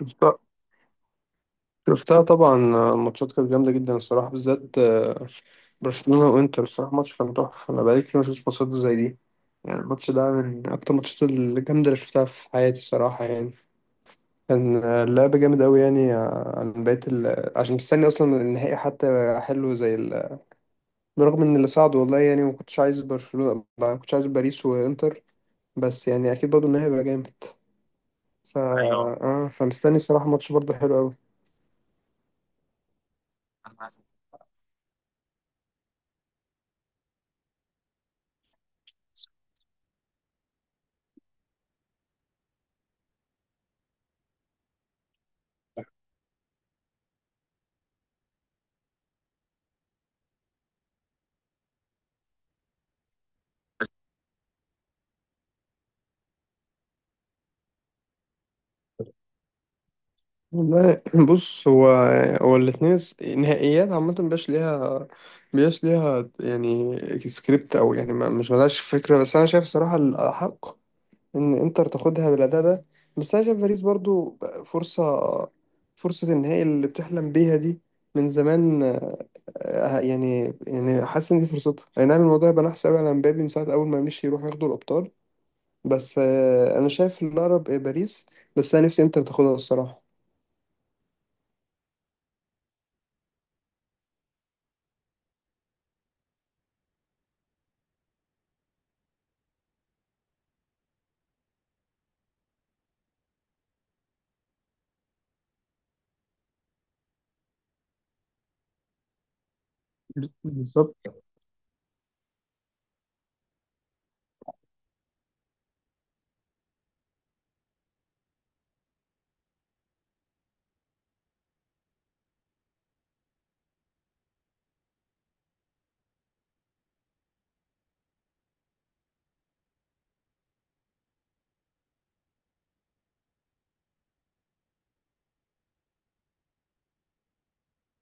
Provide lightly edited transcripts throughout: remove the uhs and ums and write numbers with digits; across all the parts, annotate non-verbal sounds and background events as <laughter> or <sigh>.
شفتها شفتها. طبعا. الماتشات كانت جامدة جدا الصراحة، بالذات برشلونة وانتر الصراحة، ماتش كان تحفة. أنا بقالي كتير مشفتش ماتشات زي دي. يعني الماتش ده من أكتر الماتشات الجامدة اللي شفتها في حياتي الصراحة، يعني كان اللعب جامد أوي، يعني عن بقية ال... عشان مستني أصلا النهائي، حتى حلو زي ال... برغم إن اللي صعد والله، يعني ما كنتش عايز برشلونة، ما كنتش عايز باريس وانتر، بس يعني أكيد برضه النهائي هيبقى جامد. ف فمستني الصراحة، ماتش برضه حلو أوي. والله، <laughs> بص، هو هو الاتنين نهائيات عامة مبيبقاش ليها، مبيبقاش ليها يعني سكريبت، أو يعني مش ملهاش فكرة. بس أنا شايف صراحة الأحق إن إنتر تاخدها بالأداء ده. بس أنا شايف باريس برضو فرصة فرصة النهائي اللي بتحلم بيها دي من زمان. يعني حاسس إن دي فرصتها أي نعم. الموضوع يبقى نحس أوي على مبابي من ساعة أول ما مشي يروح ياخدوا الأبطال. بس أنا شايف الأقرب إيه، باريس. بس أنا نفسي إنتر تاخدها الصراحة. بالظبط.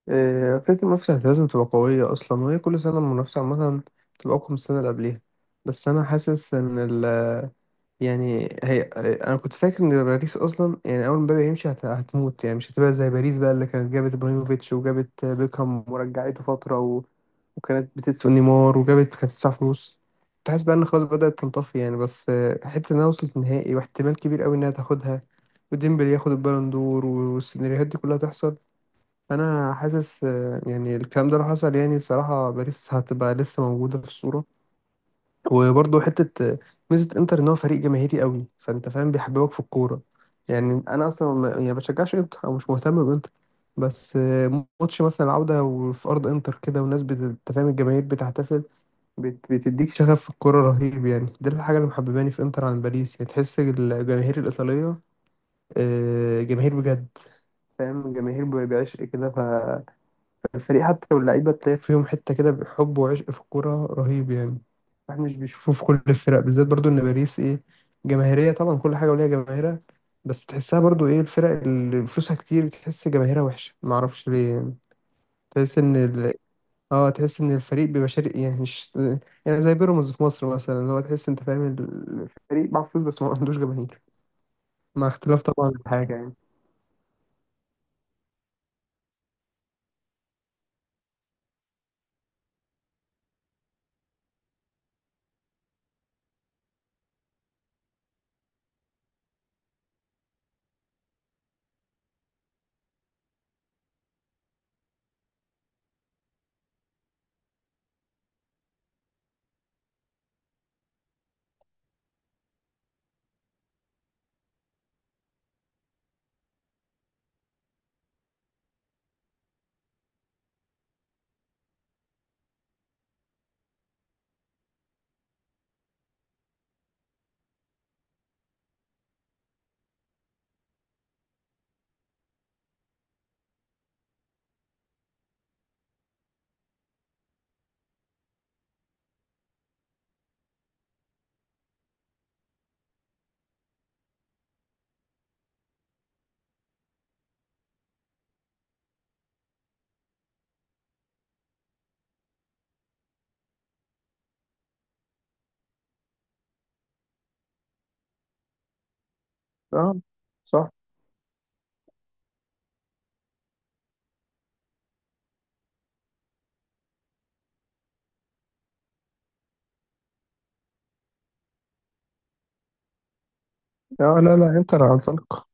فكرة المنافسة لازم تبقى قوية أصلا، وهي كل سنة المنافسة عامة تبقى أقوى من السنة اللي قبليها. بس أنا حاسس إن ال... يعني هي... أنا كنت فاكر إن باريس أصلا، يعني أول ما مبابي يمشي هتموت، يعني مش هتبقى زي باريس بقى اللي كانت جابت إبراهيموفيتش وجابت بيكهام ورجعته فترة و... وكانت بتدفع نيمار كانت بتدفع فلوس. كنت حاسس بقى إن خلاص بدأت تنطفي، يعني بس حتة إنها وصلت نهائي واحتمال كبير أوي إنها تاخدها، وديمبلي ياخد البالون دور والسيناريوهات دي كلها تحصل. انا حاسس يعني الكلام ده لو حصل، يعني الصراحه باريس هتبقى لسه موجوده في الصوره. وبرضه حته ميزه انتر ان هو فريق جماهيري قوي، فانت فاهم، بيحببك في الكوره. يعني انا اصلا ما يعني بشجعش انتر او مش مهتم بانتر، بس ماتش مثلا العوده وفي ارض انتر كده، والناس أنت فاهم، الجماهير بتحتفل، بتديك شغف في الكوره رهيب، يعني دي الحاجه اللي محبباني في انتر عن باريس. يعني تحس الجماهير الايطاليه جماهير بجد، فاهم، الجماهير بيعشق كده الفريق حتى، واللعيبة تلاقي فيهم حتة كده حب وعشق في الكورة رهيب يعني. احنا مش بنشوفه في كل الفرق، بالذات برضو ان باريس ايه، جماهيرية طبعا، كل حاجة وليها جماهيرها، بس تحسها برضو ايه الفرق اللي فلوسها كتير بتحس جماهيرها وحشة، معرفش ليه يعني. تحس ان ال... اه، تحس ان الفريق بيبقى شرقي، يعني مش... يعني زي بيراميدز في مصر مثلا اللي هو تحس، انت فاهم، الفريق معاه فلوس بس ما عندوش جماهير. مع اختلاف طبعا الحاجة يعني. اه. صح. اه لا لا، انتر عن سلق.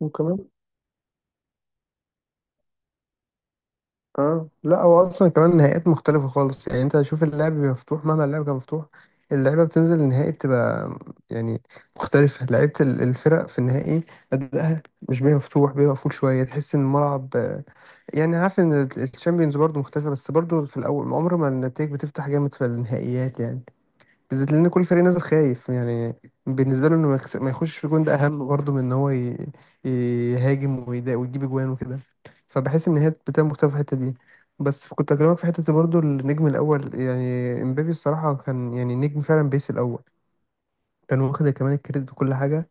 وكمان... اه لا، هو اصلا كمان النهائيات مختلفه خالص، يعني انت شوف اللعب بيبقى مفتوح، مهما اللعب كان مفتوح اللعيبه بتنزل النهائي بتبقى يعني مختلفه. لعيبه الفرق في النهائي ادائها مش بيبقى مفتوح، بيبقى مقفول شويه. تحس ان الملعب يعني عارف ان الشامبيونز برضو مختلفه، بس برضو في الاول عمر ما النتائج بتفتح جامد في النهائيات يعني، بالذات لان كل فريق نازل خايف يعني. بالنسبه له انه ما يخش في جون ده اهم برضه من ان هو يهاجم ويجيب اجوان وكده. فبحس ان هي بتبقى مختلفه في الحته دي. بس كنت اكلمك في حته برضه، النجم الاول يعني امبابي الصراحه كان يعني نجم فعلا، بيس الاول. كان واخد كمان الكريدت وكل حاجه،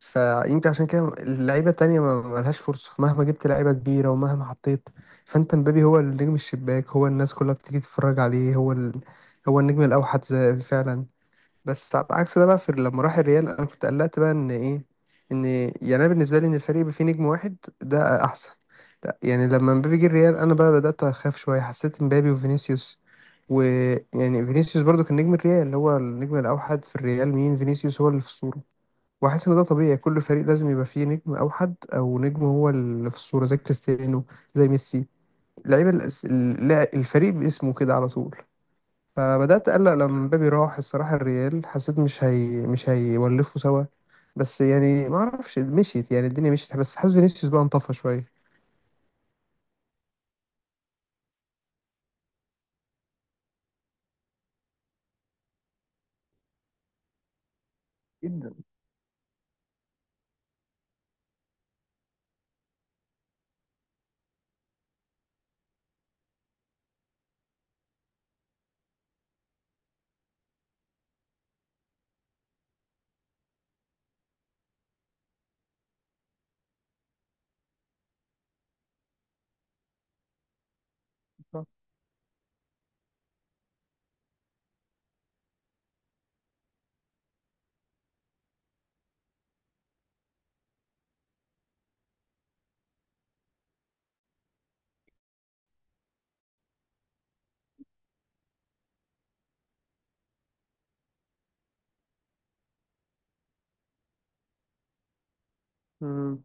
فيمكن عشان كده اللعيبه التانيه ما لهاش فرصه، مهما جبت لعيبه كبيره ومهما حطيت. فانت امبابي هو النجم الشباك، هو الناس كلها بتيجي تتفرج عليه، هو ال... هو النجم الاوحد فعلا. بس على عكس ده بقى في لما راح الريال، انا كنت قلقت بقى ان ايه، ان يعني انا بالنسبه لي ان الفريق يبقى فيه نجم واحد ده احسن. لا يعني لما مبابي جه الريال انا بقى بدات اخاف شويه، حسيت مبابي وفينيسيوس، ويعني فينيسيوس برضو كان نجم الريال، اللي هو النجم الاوحد في الريال، مين فينيسيوس، هو اللي في الصوره. واحس ان ده طبيعي، كل فريق لازم يبقى فيه نجم اوحد، او نجم هو اللي في الصوره زي كريستيانو، زي ميسي. لعيبه الفريق باسمه كده على طول. فبدأت أقلق لما مبابي راح الصراحة الريال. حسيت مش هيولفوا سوا، بس يعني ما اعرفش مشيت، يعني الدنيا مشيت، بس حاسس فينيسيوس بقى انطفى شوية. جدا. صح. مم.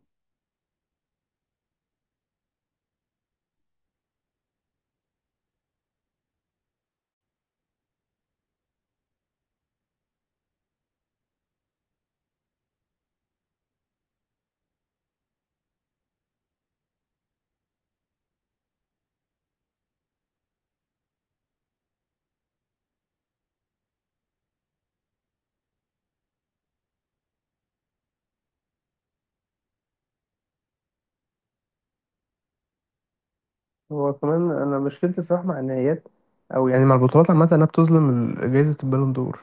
هو كمان انا مشكلتي الصراحه مع النهائيات، او يعني مع البطولات عامة، انها بتظلم جايزة البالون دور.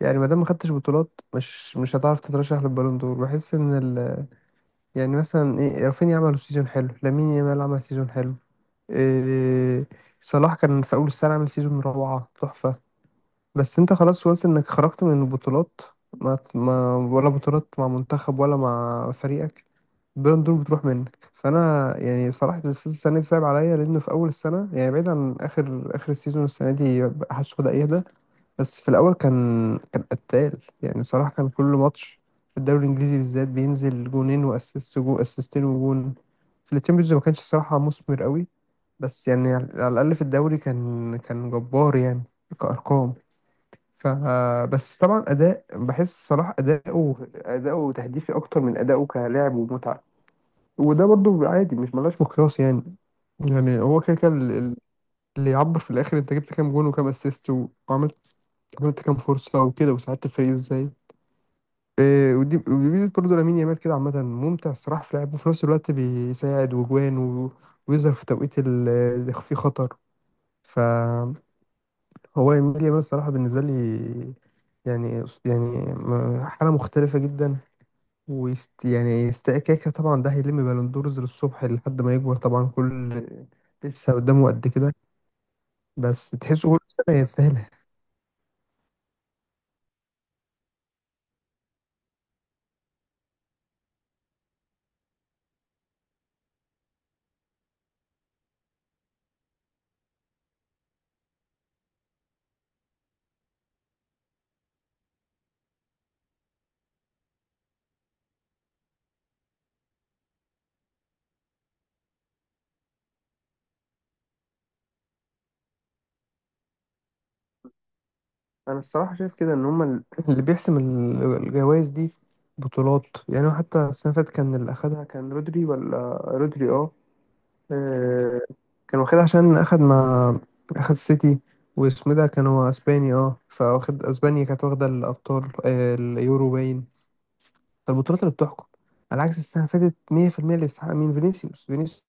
يعني ما دام ما خدتش بطولات مش هتعرف تترشح للبالون دور. بحس ان ال... يعني مثلا ايه، رافينيا عمل سيزون حلو، لامين يامال عمل سيزون حلو، إيه، صلاح كان في اول السنة عامل سيزون روعة تحفة، بس انت خلاص، وانس انك خرجت من البطولات. ما ولا بطولات مع منتخب ولا مع فريقك، البالون دور بتروح منك. فانا يعني صراحه السنه دي صعب عليا، لانه في اول السنه، يعني بعيد عن اخر السيزون السنه دي محدش بدا يهدى، بس في الاول كان قتال يعني، صراحه كان كل ماتش في الدوري الانجليزي بالذات بينزل جونين واسيست، اسيستين وجون. في التشامبيونز ما كانش صراحه مثمر قوي، بس يعني على الاقل في الدوري كان جبار يعني، كارقام. فبس طبعا اداء، بحس صلاح اداؤه تهديفي اكتر من اداؤه كلاعب ومتعه، وده برضو عادي، مش ملهاش مقياس يعني. يعني هو كده كده اللي يعبر في الاخر انت جبت كام جون وكام اسيست، وعملت عملت كام فرصه وكده، وساعدت الفريق ازاي. إيه، ودي ميزه برضه لامين يامال كده عامه، ممتع الصراحه في لعبه وفي نفس الوقت بيساعد وجوان ويظهر في توقيت اللي فيه خطر. هو الميديا، بس الصراحة بالنسبة لي يعني حالة مختلفة جدا، ويست يعني استكاكة، طبعا ده هيلم بالندورز للصبح لحد ما يكبر طبعا، كل... لسه قدامه قد كده، بس تحسه كل سنة يستاهلها. أنا الصراحة شايف كده إن هما اللي بيحسم الجوائز دي بطولات. يعني حتى السنة اللي فاتت كان اللي أخدها كان رودري، ولا رودري؟ آه، كان واخدها عشان اخد مع، اخد سيتي، واسمه ده كان هو اسباني، اه، فواخد اسبانيا كانت واخده الابطال اليورو، باين فالبطولات اللي بتحكم. على عكس السنه اللي فاتت، 100% اللي يستحق مين؟ فينيسيوس.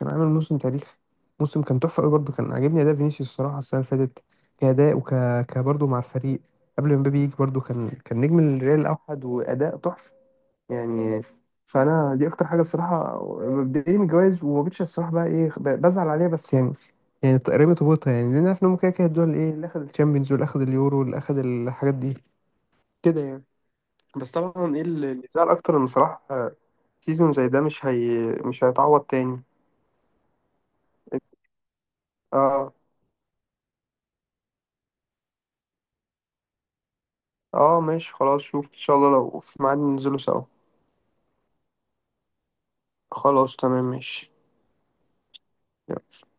كان عامل موسم تاريخي، موسم كان تحفه قوي، برضه كان عاجبني اداء فينيسيوس الصراحه السنه اللي فاتت، كاداء برضه مع الفريق قبل ما مبابي يجي، برضه كان نجم الريال الاوحد، واداء تحفه يعني. فانا دي اكتر حاجه الصراحه مبدئيا الجواز، وما بقتش الصراحه بقى ايه بزعل عليها، بس يعني تقريبا تبوظها، يعني لان عارف ان هم كده كده الدول، ايه اللي اخد الشامبيونز واللي اخد اليورو واللي اخد الحاجات دي كده يعني. بس طبعا ايه اللي زعل اكتر ان صراحه سيزون زي ده مش هيتعوض تاني. اه. اه ماشي خلاص، شوف ان شاء الله، لو في ميعاد ننزله سوا. خلاص تمام ماشي. يلا.